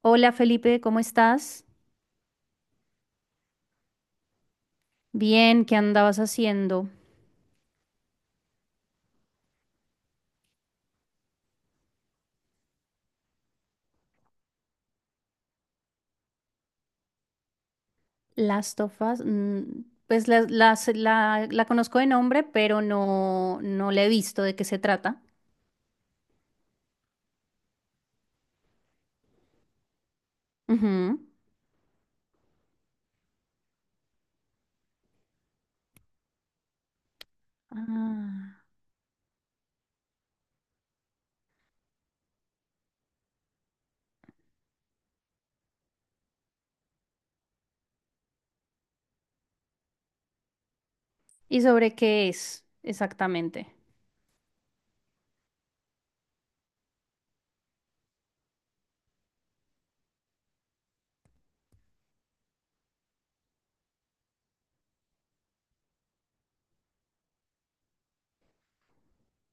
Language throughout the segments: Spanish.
Hola Felipe, ¿cómo estás? Bien, ¿qué andabas haciendo? Las tofas, pues la conozco de nombre, pero no, no la he visto de qué se trata. Ujú. Ah. ¿Y sobre qué es exactamente?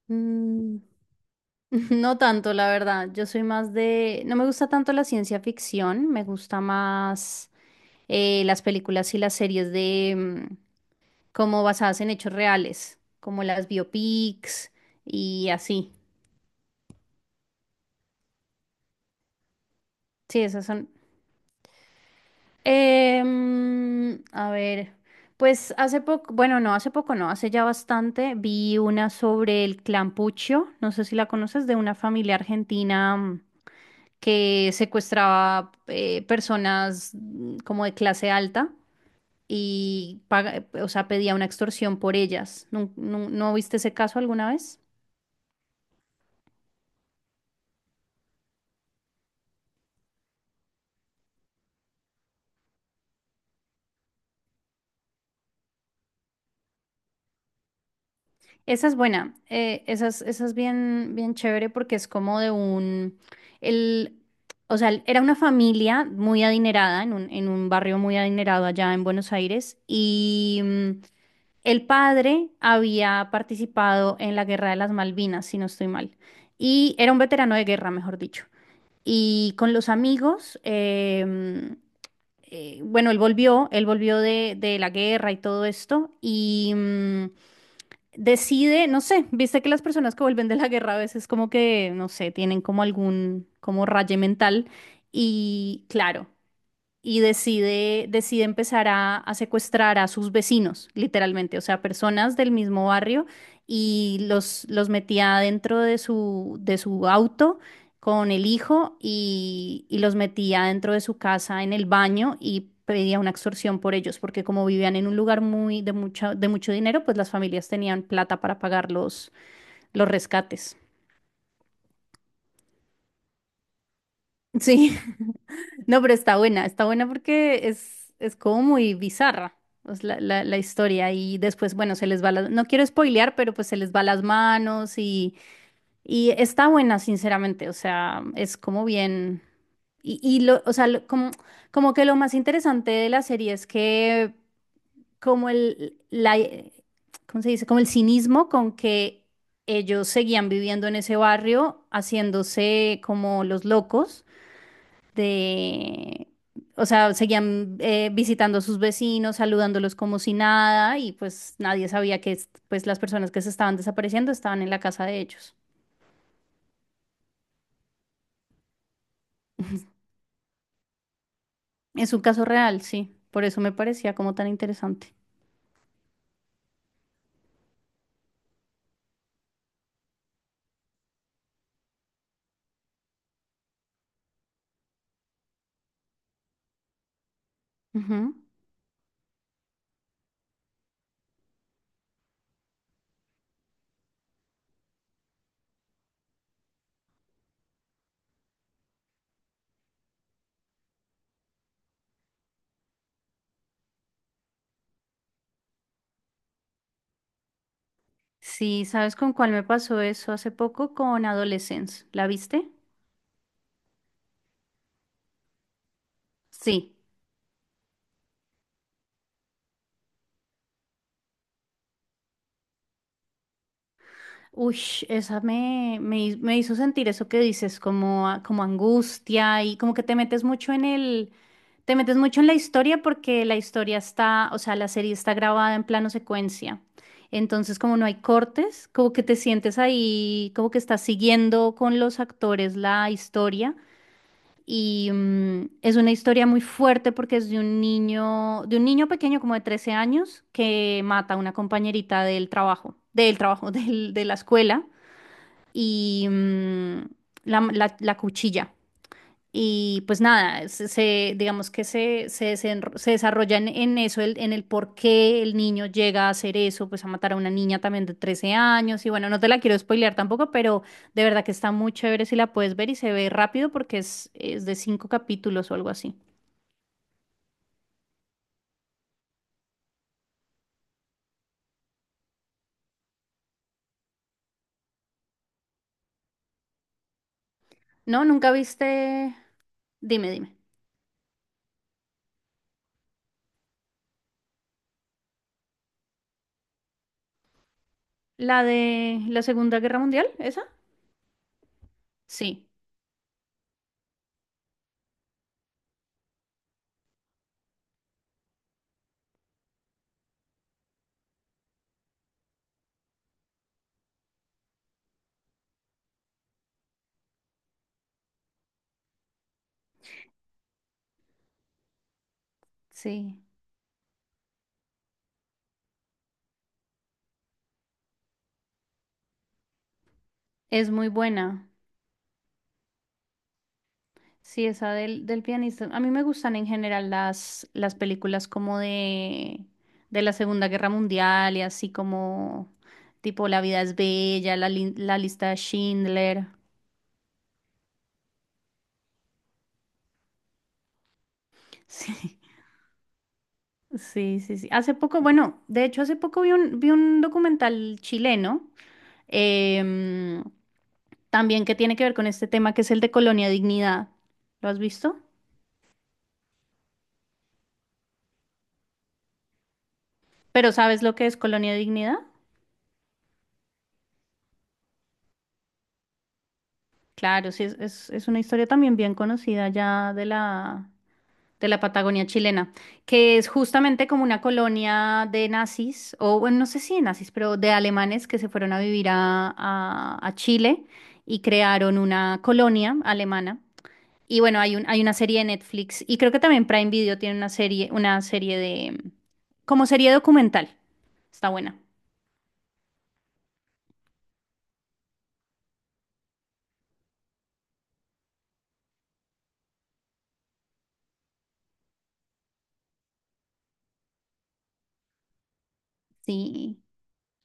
Mm. No tanto, la verdad. Yo soy más de... No me gusta tanto la ciencia ficción, me gusta más las películas y las series de mm, como basadas en hechos reales, como las biopics y así. Sí, esas son. A ver, pues hace poco, bueno, no, hace poco no, hace ya bastante, vi una sobre el clan Puccio, no sé si la conoces, de una familia argentina que secuestraba personas como de clase alta y o sea, pedía una extorsión por ellas. ¿No viste ese caso alguna vez? Esa es buena, esa es bien, bien chévere porque es como de el, o sea, era una familia muy adinerada en en un barrio muy adinerado allá en Buenos Aires y el padre había participado en la Guerra de las Malvinas, si no estoy mal, y era un veterano de guerra, mejor dicho. Y con los amigos, bueno, él volvió de la guerra y todo esto, y, decide, no sé, viste que las personas que vuelven de la guerra a veces como que, no sé, tienen como algún, como raye mental y claro y decide empezar a secuestrar a sus vecinos, literalmente, o sea, personas del mismo barrio, y los metía dentro de de su auto con el hijo y los metía dentro de su casa en el baño y pedía una extorsión por ellos, porque como vivían en un lugar muy de mucha, de mucho dinero, pues las familias tenían plata para pagar los rescates. Sí. No, pero está buena porque es como muy bizarra pues, la historia y después, bueno, se les va las, no quiero spoilear, pero pues se les va las manos y está buena, sinceramente, o sea, es como bien, o sea, como que lo más interesante de la serie es que como ¿cómo se dice? Como el cinismo con que ellos seguían viviendo en ese barrio, haciéndose como los locos de, o sea, seguían visitando a sus vecinos, saludándolos como si nada, y pues nadie sabía que pues las personas que se estaban desapareciendo estaban en la casa de ellos. Es un caso real, sí, por eso me parecía como tan interesante. Ujú. Sí, ¿sabes con cuál me pasó eso hace poco? Con Adolescence, ¿la viste? Sí. Uy, esa me, me, hi- me hizo sentir eso que dices, como, como angustia y como que te metes mucho en la historia porque o sea, la serie está grabada en plano secuencia. Entonces, como no hay cortes, como que te sientes ahí, como que estás siguiendo con los actores la historia. Y es una historia muy fuerte porque es de un niño pequeño como de 13 años que mata a una compañerita del trabajo, de la escuela y la cuchilla. Y pues nada, digamos que se desarrolla en eso, en el por qué el niño llega a hacer eso, pues a matar a una niña también de 13 años. Y bueno, no te la quiero spoilear tampoco, pero de verdad que está muy chévere si la puedes ver y se ve rápido porque es de cinco capítulos o algo así. No, nunca viste. Dime, dime. ¿La de la Segunda Guerra Mundial? ¿Esa? Sí, sí. Es muy buena. Sí, esa del pianista. A mí me gustan en general las películas como de la Segunda Guerra Mundial y así como tipo La vida es bella, la lista de Schindler. Sí, sí, sí, sí. Hace poco, bueno, de hecho hace poco vi vi un documental chileno em, también que tiene que ver con este tema que es el de Colonia Dignidad. ¿Lo has visto? Pero ¿sabes lo que es Colonia Dignidad? Claro, sí, es una historia también bien conocida ya de de la Patagonia chilena, que es justamente como una colonia de nazis, o bueno, no sé si de nazis, pero de alemanes que se fueron a vivir a Chile y crearon una colonia alemana. Y bueno, hay hay una serie de Netflix y creo que también Prime Video tiene una serie de, como serie documental. Está buena. Sí,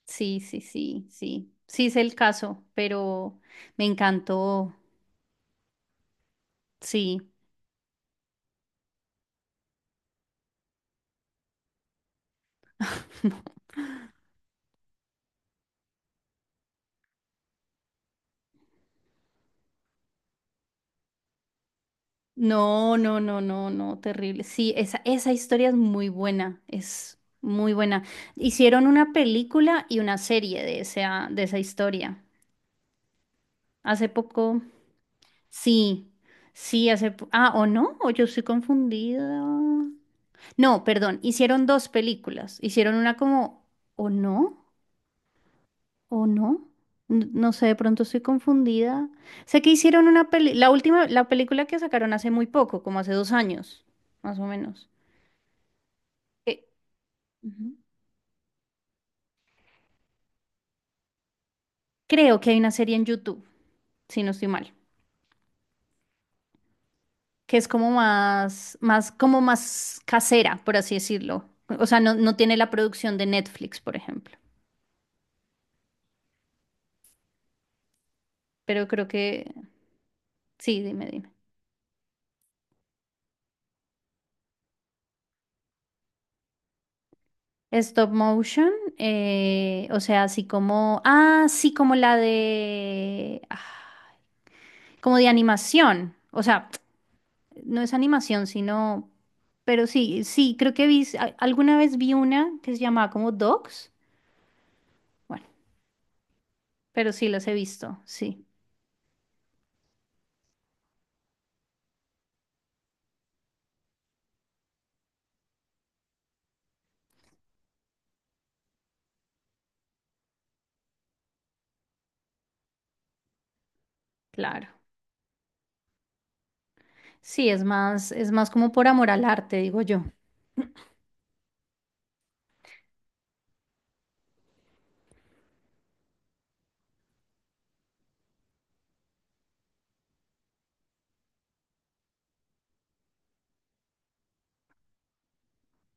sí, sí, sí, sí. Sí es el caso, pero me encantó. Sí. No, no, no, no, no, terrible. Sí, esa historia es muy buena, es muy buena. Hicieron una película y una serie de esa historia. Hace poco, sí, sí, hace... Ah, ¿o no? ¿O yo estoy confundida? No, perdón, hicieron dos películas. Hicieron una como... ¿O no? ¿O no? No sé, de pronto estoy confundida. Sé que hicieron una peli, la última, la película que sacaron hace muy poco, como hace 2 años, más o menos. Eh, ujú. Creo que hay una serie en YouTube, si no estoy mal, que es como más, más, como más casera, por así decirlo. O sea, no, no tiene la producción de Netflix, por ejemplo. Pero creo que, sí, dime, dime. Stop motion, o sea, así como, ah, sí, como la de... ah, como de animación. O sea, no es animación, sino, pero sí, sí, creo que vi, alguna vez vi una que se llamaba como Dogs. Bueno, pero sí las he visto, sí, claro. Sí, es más como por amor al arte, digo yo.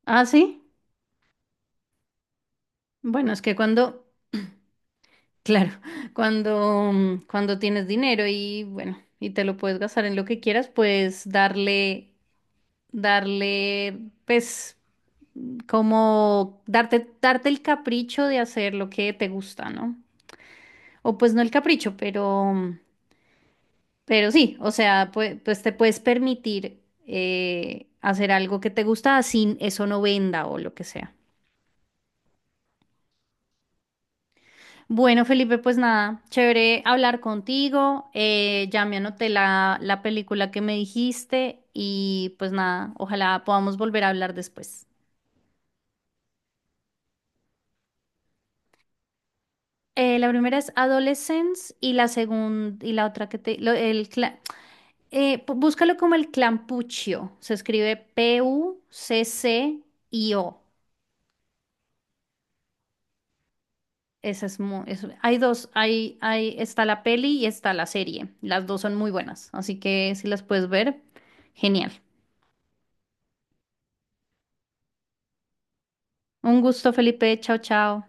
Ah, sí. Bueno, es que cuando, claro, cuando, cuando tienes dinero y bueno, y te lo puedes gastar en lo que quieras, puedes darle, pues, como darte el capricho de hacer lo que te gusta, ¿no? O pues no el capricho, pero sí, o sea, pues, pues te puedes permitir hacer algo que te gusta sin eso no venda o lo que sea. Bueno, Felipe, pues nada, chévere hablar contigo. Ya me anoté la película que me dijiste y pues nada, ojalá podamos volver a hablar después. La primera es Adolescence y la segunda y la otra que te búscalo como el clampuccio. Se escribe PUCCIO. Esa es muy, hay dos, está la peli y está la serie. Las dos son muy buenas, así que si las puedes ver, genial. Un gusto, Felipe. Chao, chao.